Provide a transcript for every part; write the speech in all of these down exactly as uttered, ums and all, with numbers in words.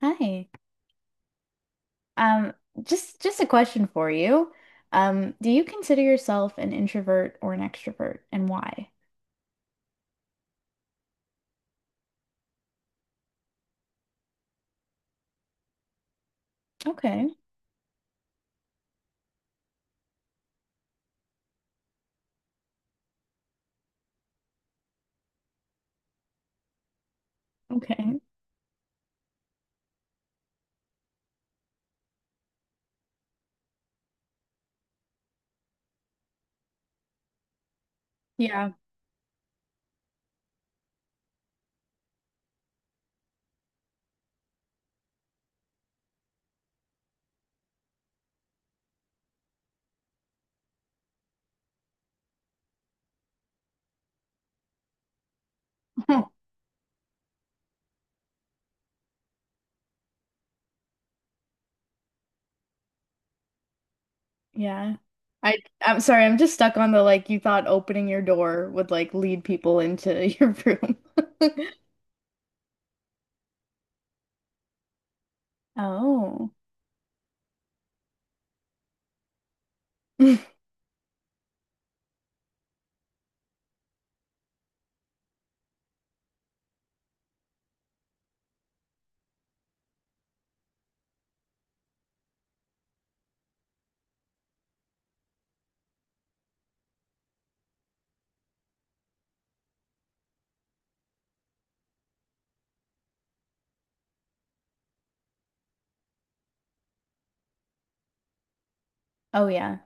Hi. Um, just just a question for you. Um, do you consider yourself an introvert or an extrovert and why? Okay. Okay. Yeah. Yeah. I I'm sorry, I'm just stuck on the like you thought opening your door would like lead people into your room. Oh. Oh yeah.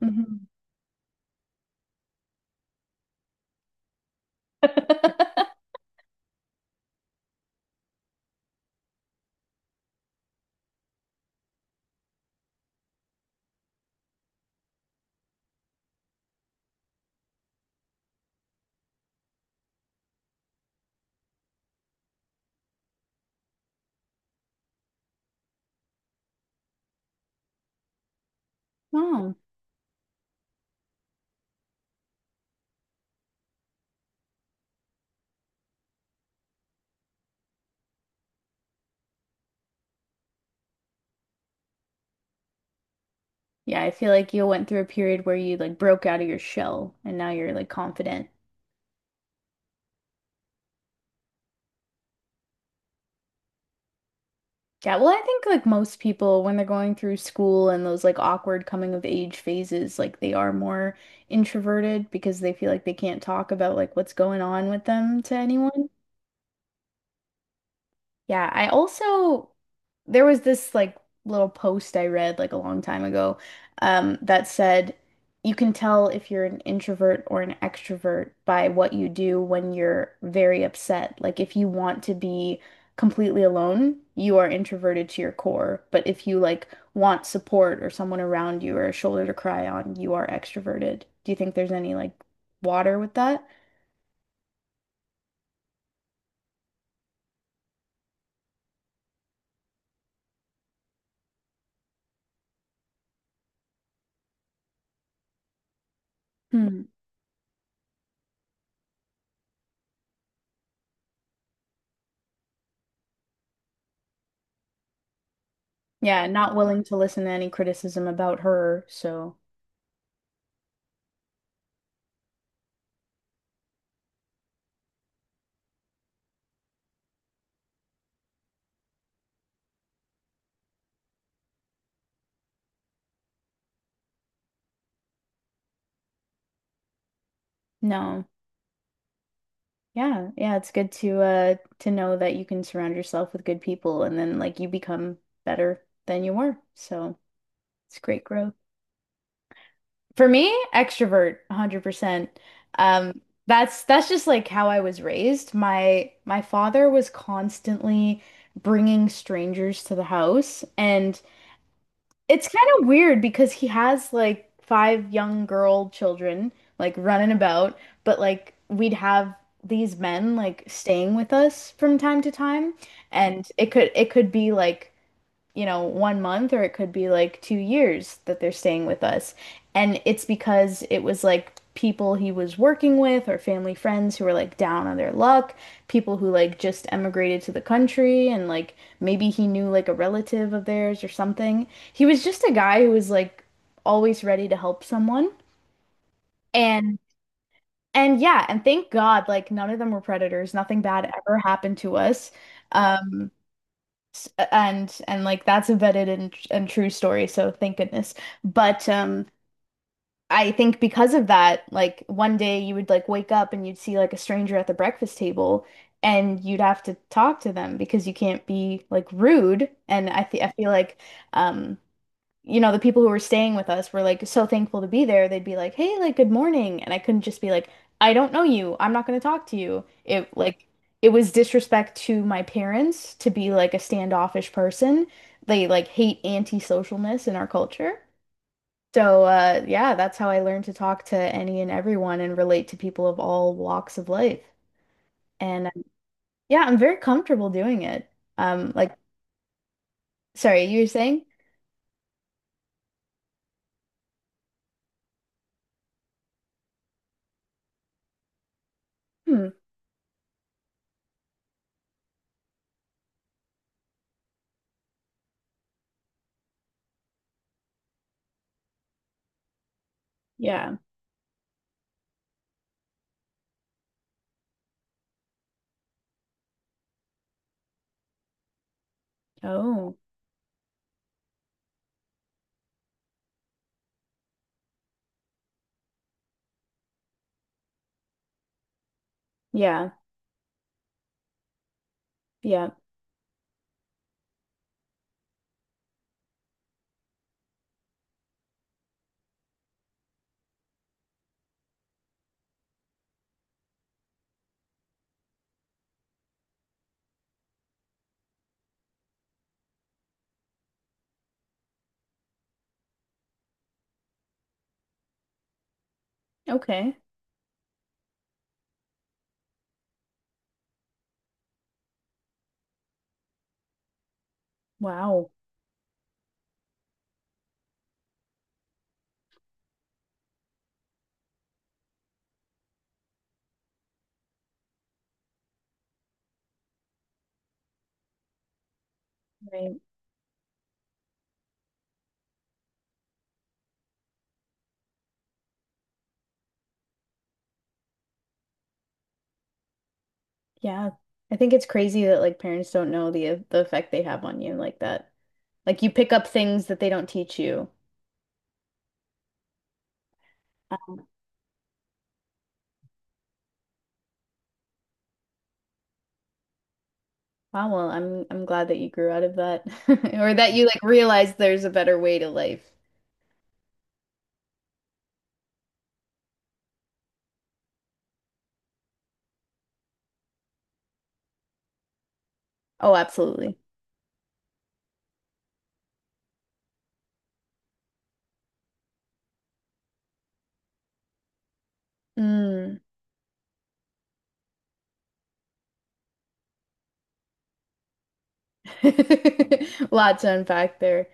Mhm. Oh. Yeah, I feel like you went through a period where you like broke out of your shell and now you're like confident. Yeah, well, I think like most people when they're going through school and those like awkward coming of age phases, like they are more introverted because they feel like they can't talk about like what's going on with them to anyone. Yeah, I also there was this like little post I read like a long time ago um, that said you can tell if you're an introvert or an extrovert by what you do when you're very upset. Like if you want to be completely alone, you are introverted to your core. But if you like want support or someone around you or a shoulder to cry on, you are extroverted. Do you think there's any like water with that? Hmm. Yeah, not willing to listen to any criticism about her, so no. Yeah, yeah, it's good to uh to know that you can surround yourself with good people and then like you become better than you were. So, it's great growth. For me, extrovert one hundred percent. Um, that's that's just like how I was raised. My my father was constantly bringing strangers to the house, and it's kind of weird because he has like five young girl children like running about, but like we'd have these men like staying with us from time to time, and it could it could be like you know, one month, or it could be like two years that they're staying with us. And it's because it was like people he was working with or family friends who were like down on their luck, people who like just emigrated to the country, and like maybe he knew like a relative of theirs or something. He was just a guy who was like always ready to help someone. And and yeah, and thank God, like none of them were predators. Nothing bad ever happened to us. Um S- uh, and and like that's embedded in, and and true story, so thank goodness. But um I think because of that, like one day you would like wake up and you'd see like a stranger at the breakfast table, and you'd have to talk to them because you can't be like rude. And I th I feel like um you know, the people who were staying with us were like so thankful to be there. They'd be like, "Hey, like good morning." And I couldn't just be like, "I don't know you. I'm not going to talk to you." It like it was disrespect to my parents to be like a standoffish person. They like hate antisocialness in our culture. So, uh, yeah, that's how I learned to talk to any and everyone and relate to people of all walks of life. And um, yeah, I'm very comfortable doing it. Um, like, sorry, you were saying? Hmm. Yeah. Oh, yeah. Yeah. Okay. Wow. Right. Yeah. I think it's crazy that like parents don't know the uh, the effect they have on you like that. Like you pick up things that they don't teach you. Uh, Wow, well, I'm I'm glad that you grew out of that or that you like realized there's a better way to life. Oh, absolutely. Mm. Lots to unpack there.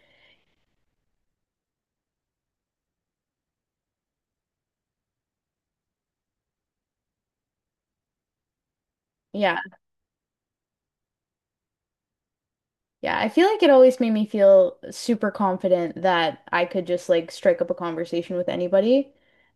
Yeah. Yeah, I feel like it always made me feel super confident that I could just like strike up a conversation with anybody.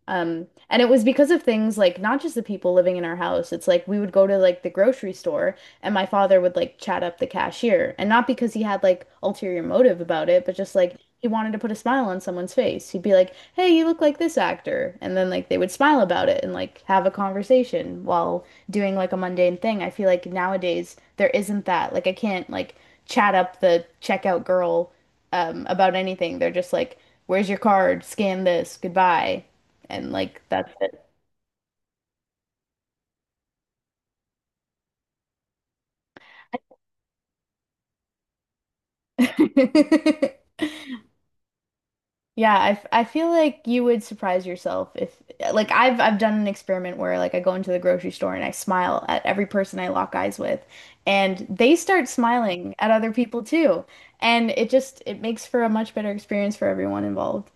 Um, and it was because of things like not just the people living in our house. It's like we would go to like the grocery store, and my father would like chat up the cashier. And not because he had like ulterior motive about it, but just like he wanted to put a smile on someone's face. He'd be like, "Hey, you look like this actor." And then like they would smile about it and like have a conversation while doing like a mundane thing. I feel like nowadays there isn't that. Like I can't like chat up the checkout girl um, about anything. They're just like, "Where's your card? Scan this. Goodbye," and like that's it. Yeah, I, f- I feel like you would surprise yourself if like I've I've done an experiment where like I go into the grocery store and I smile at every person I lock eyes with, and they start smiling at other people too. And it just it makes for a much better experience for everyone involved.